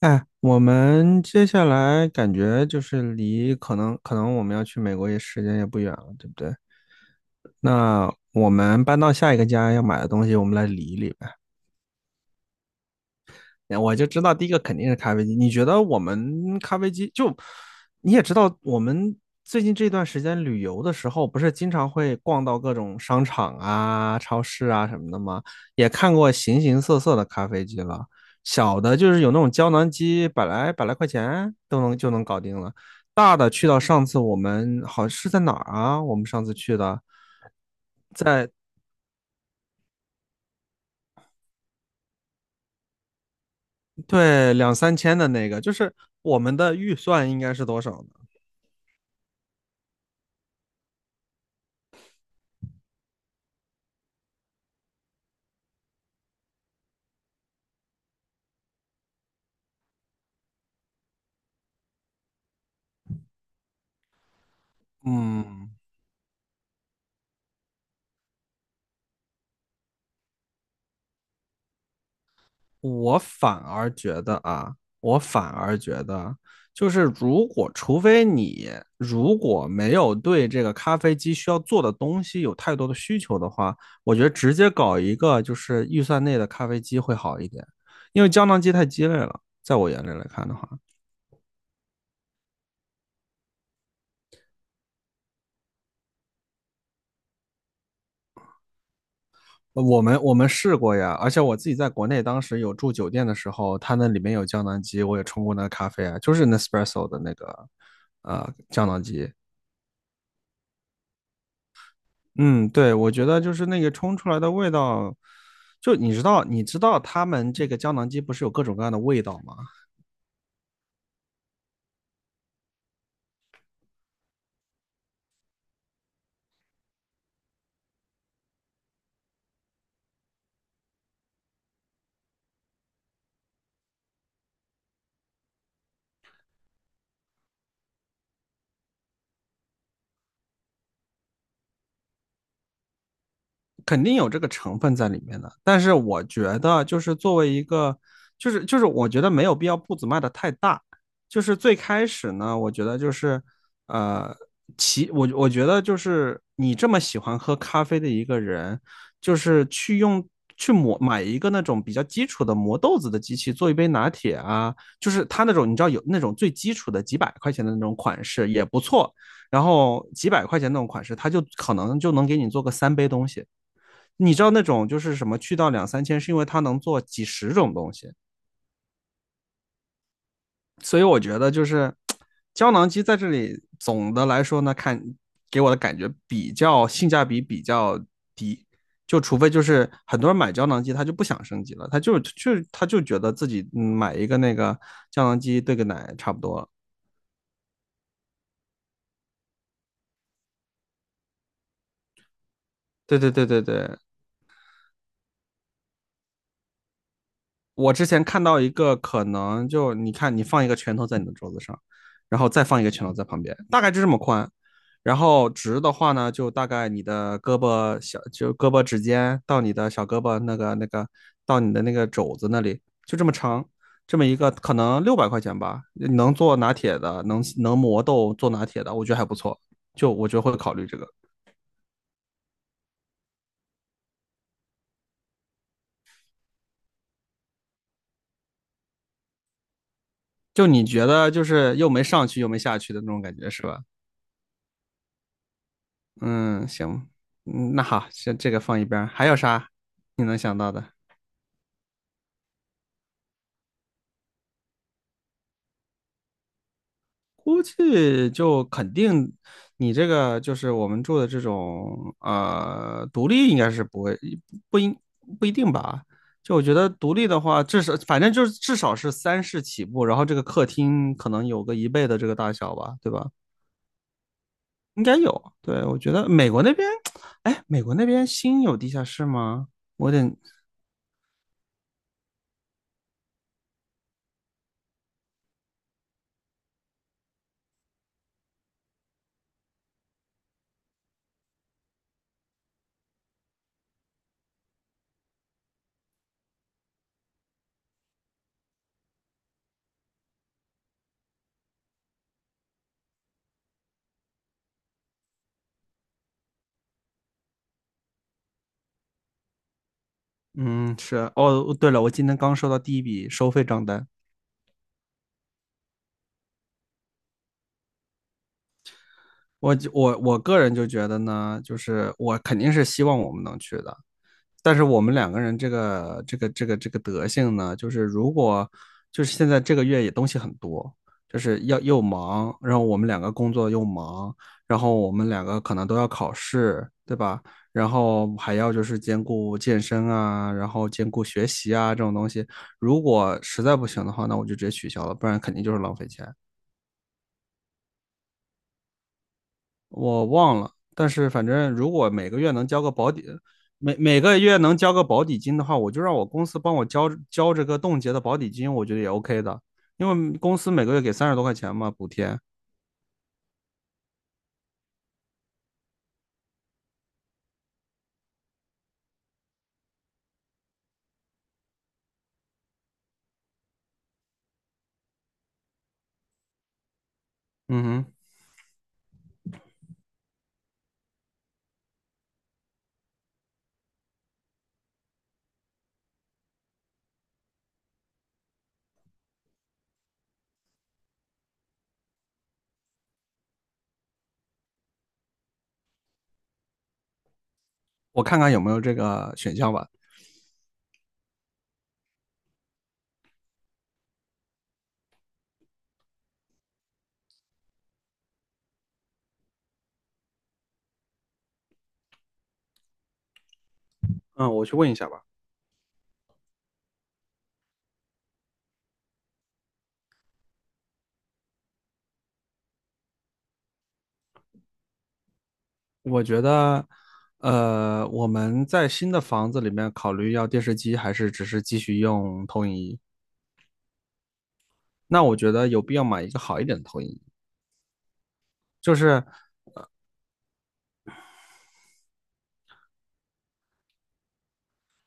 哎，我们接下来感觉就是离可能我们要去美国也时间也不远了，对不对？那我们搬到下一个家要买的东西，我们来理一理呗。我就知道第一个肯定是咖啡机。你觉得我们咖啡机就。你也知道，我们最近这段时间旅游的时候，不是经常会逛到各种商场啊、超市啊什么的吗？也看过形形色色的咖啡机了。小的就是有那种胶囊机，百来块钱就能搞定了。大的去到上次我们好是在哪儿啊？我们上次去的，对，两三千的那个，就是我们的预算应该是多少呢？嗯，我反而觉得啊，我反而觉得，就是，如果除非你如果没有对这个咖啡机需要做的东西有太多的需求的话，我觉得直接搞一个就是预算内的咖啡机会好一点，因为胶囊机太鸡肋了，在我眼里来看的话。我们试过呀，而且我自己在国内当时有住酒店的时候，它那里面有胶囊机，我也冲过那个咖啡啊，就是 Nespresso 的那个胶囊机。嗯，对，我觉得就是那个冲出来的味道，就你知道他们这个胶囊机不是有各种各样的味道吗？肯定有这个成分在里面的，但是我觉得就是作为一个，就是我觉得没有必要步子迈的太大。就是最开始呢，我觉得就是呃，我觉得就是你这么喜欢喝咖啡的一个人，就是去磨买一个那种比较基础的磨豆子的机器做一杯拿铁啊。就是他那种你知道有那种最基础的几百块钱的那种款式也不错，然后几百块钱那种款式，他就可能就能给你做个3杯东西。你知道那种就是什么去到两三千，是因为它能做几十种东西。所以我觉得就是胶囊机在这里总的来说呢，看给我的感觉比较性价比比较低。就除非就是很多人买胶囊机，他就不想升级了，他就觉得自己买一个那个胶囊机兑个奶差不多了。对对对对对。我之前看到一个可能就你看你放一个拳头在你的桌子上，然后再放一个拳头在旁边，大概就这么宽。然后直的话呢，就大概你的胳膊小，就胳膊指尖到你的小胳膊那个到你的那个肘子那里，就这么长。这么一个可能600块钱吧，能做拿铁的，能磨豆做拿铁的，我觉得还不错，就我觉得会考虑这个。就你觉得就是又没上去又没下去的那种感觉是吧？嗯，行。那好，先这个放一边儿，还有啥你能想到的？估计就肯定，你这个就是我们住的这种独立，应该是不会，不应不一定吧？就我觉得独立的话，反正至少是三室起步，然后这个客厅可能有个一倍的这个大小吧，对吧？应该有。对，我觉得美国那边。哎，美国那边新有地下室吗？我有点。嗯，是哦。对了，我今天刚收到第一笔收费账单。我个人就觉得呢，就是我肯定是希望我们能去的，但是我们两个人这个德性呢，就是如果就是现在这个月也东西很多，就是要又忙，然后我们两个工作又忙，然后我们两个可能都要考试，对吧？然后还要就是兼顾健身啊，然后兼顾学习啊这种东西。如果实在不行的话，那我就直接取消了，不然肯定就是浪费钱。我忘了，但是反正如果每个月能交个保底，每个月能交个保底金的话，我就让我公司帮我交这个冻结的保底金，我觉得也 OK 的，因为公司每个月给30多块钱嘛补贴。嗯哼，我看看有没有这个选项吧。嗯，我去问一下吧。我觉得，我们在新的房子里面考虑要电视机，还是只是继续用投影仪？那我觉得有必要买一个好一点的投影仪，就是。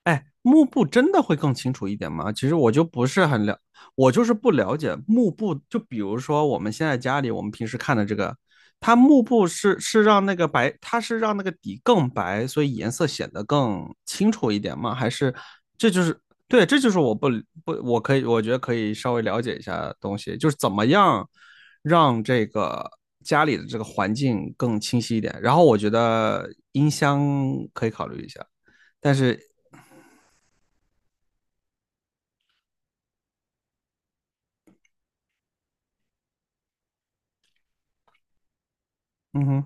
哎，幕布真的会更清楚一点吗？其实我就不是很了，我就是不了解幕布。就比如说我们现在家里我们平时看的这个，它幕布是让那个白，它是让那个底更白，所以颜色显得更清楚一点吗？还是这就是。对，这就是我不，我觉得可以稍微了解一下东西，就是怎么样让这个家里的这个环境更清晰一点。然后我觉得音箱可以考虑一下，但是。嗯哼。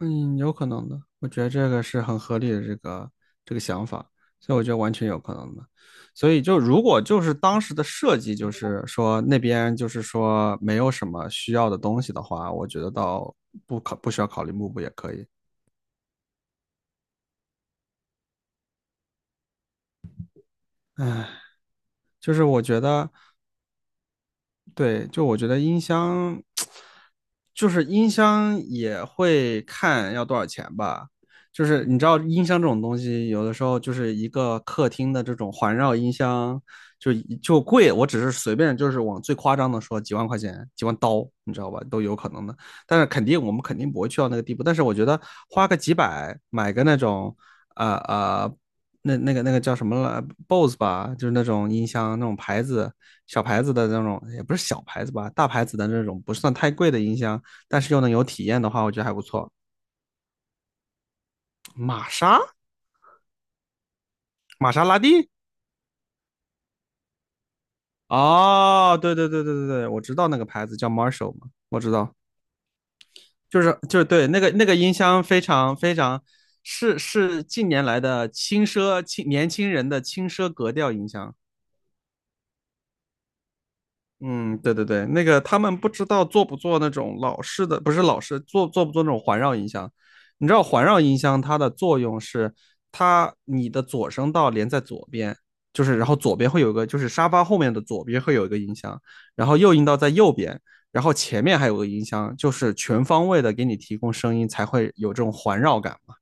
嗯，有可能的，我觉得这个是很合理的这个想法，所以我觉得完全有可能的。所以就如果就是当时的设计，就是说那边就是说没有什么需要的东西的话，我觉得倒不需要考虑幕布也可以。唉，就是我觉得。对，就我觉得音箱，就是音箱也会看要多少钱吧。就是你知道音箱这种东西，有的时候就是一个客厅的这种环绕音箱，就就贵。我只是随便就是往最夸张的说，几万块钱、几万刀，你知道吧，都有可能的。但是肯定我们肯定不会去到那个地步。但是我觉得花个几百买个那种，呃呃。那那个叫什么了 Bose 吧，就是那种音箱那种牌子，小牌子的那种，也不是小牌子吧，大牌子的那种，不算太贵的音箱，但是又能有体验的话，我觉得还不错。玛莎。玛莎拉蒂。哦，对对对对对对，我知道那个牌子叫 Marshall 嘛，我知道。就是对那个音箱非常非常是近年来的轻奢，年轻人的轻奢格调音箱。嗯，对对对，那个他们不知道做不做那种老式的，不是老式，做不做那种环绕音箱？你知道环绕音箱它的作用是，它你的左声道连在左边，就是然后左边会有一个，就是沙发后面的左边会有一个音箱，然后右音道在右边，然后前面还有个音箱，就是全方位的给你提供声音，才会有这种环绕感嘛，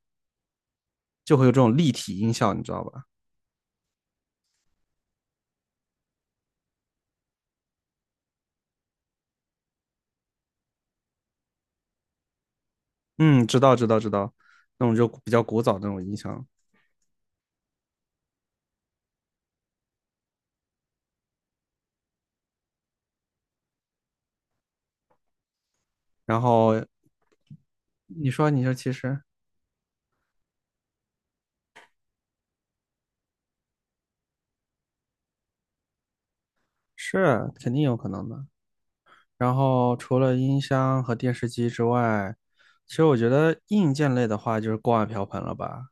就会有这种立体音效，你知道吧？嗯，知道知道知道，那种就比较古早的那种音箱。然后你说你说，其实是肯定有可能的。然后除了音箱和电视机之外，其实我觉得硬件类的话就是锅碗瓢盆了吧。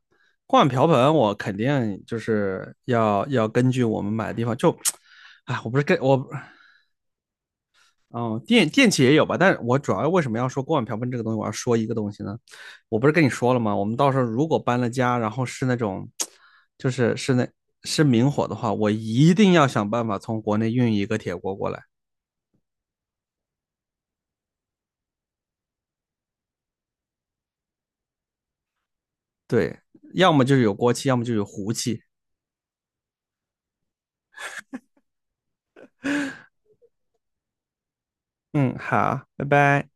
锅碗瓢盆我肯定就是要根据我们买的地方就。哎，我不是跟我。哦，电器也有吧，但是我主要为什么要说锅碗瓢盆这个东西，我要说一个东西呢？我不是跟你说了吗？我们到时候如果搬了家，然后是那种，就是是那是明火的话，我一定要想办法从国内运一个铁锅过来。对，要么就是有锅气，要么就有壶气。嗯，好，拜拜。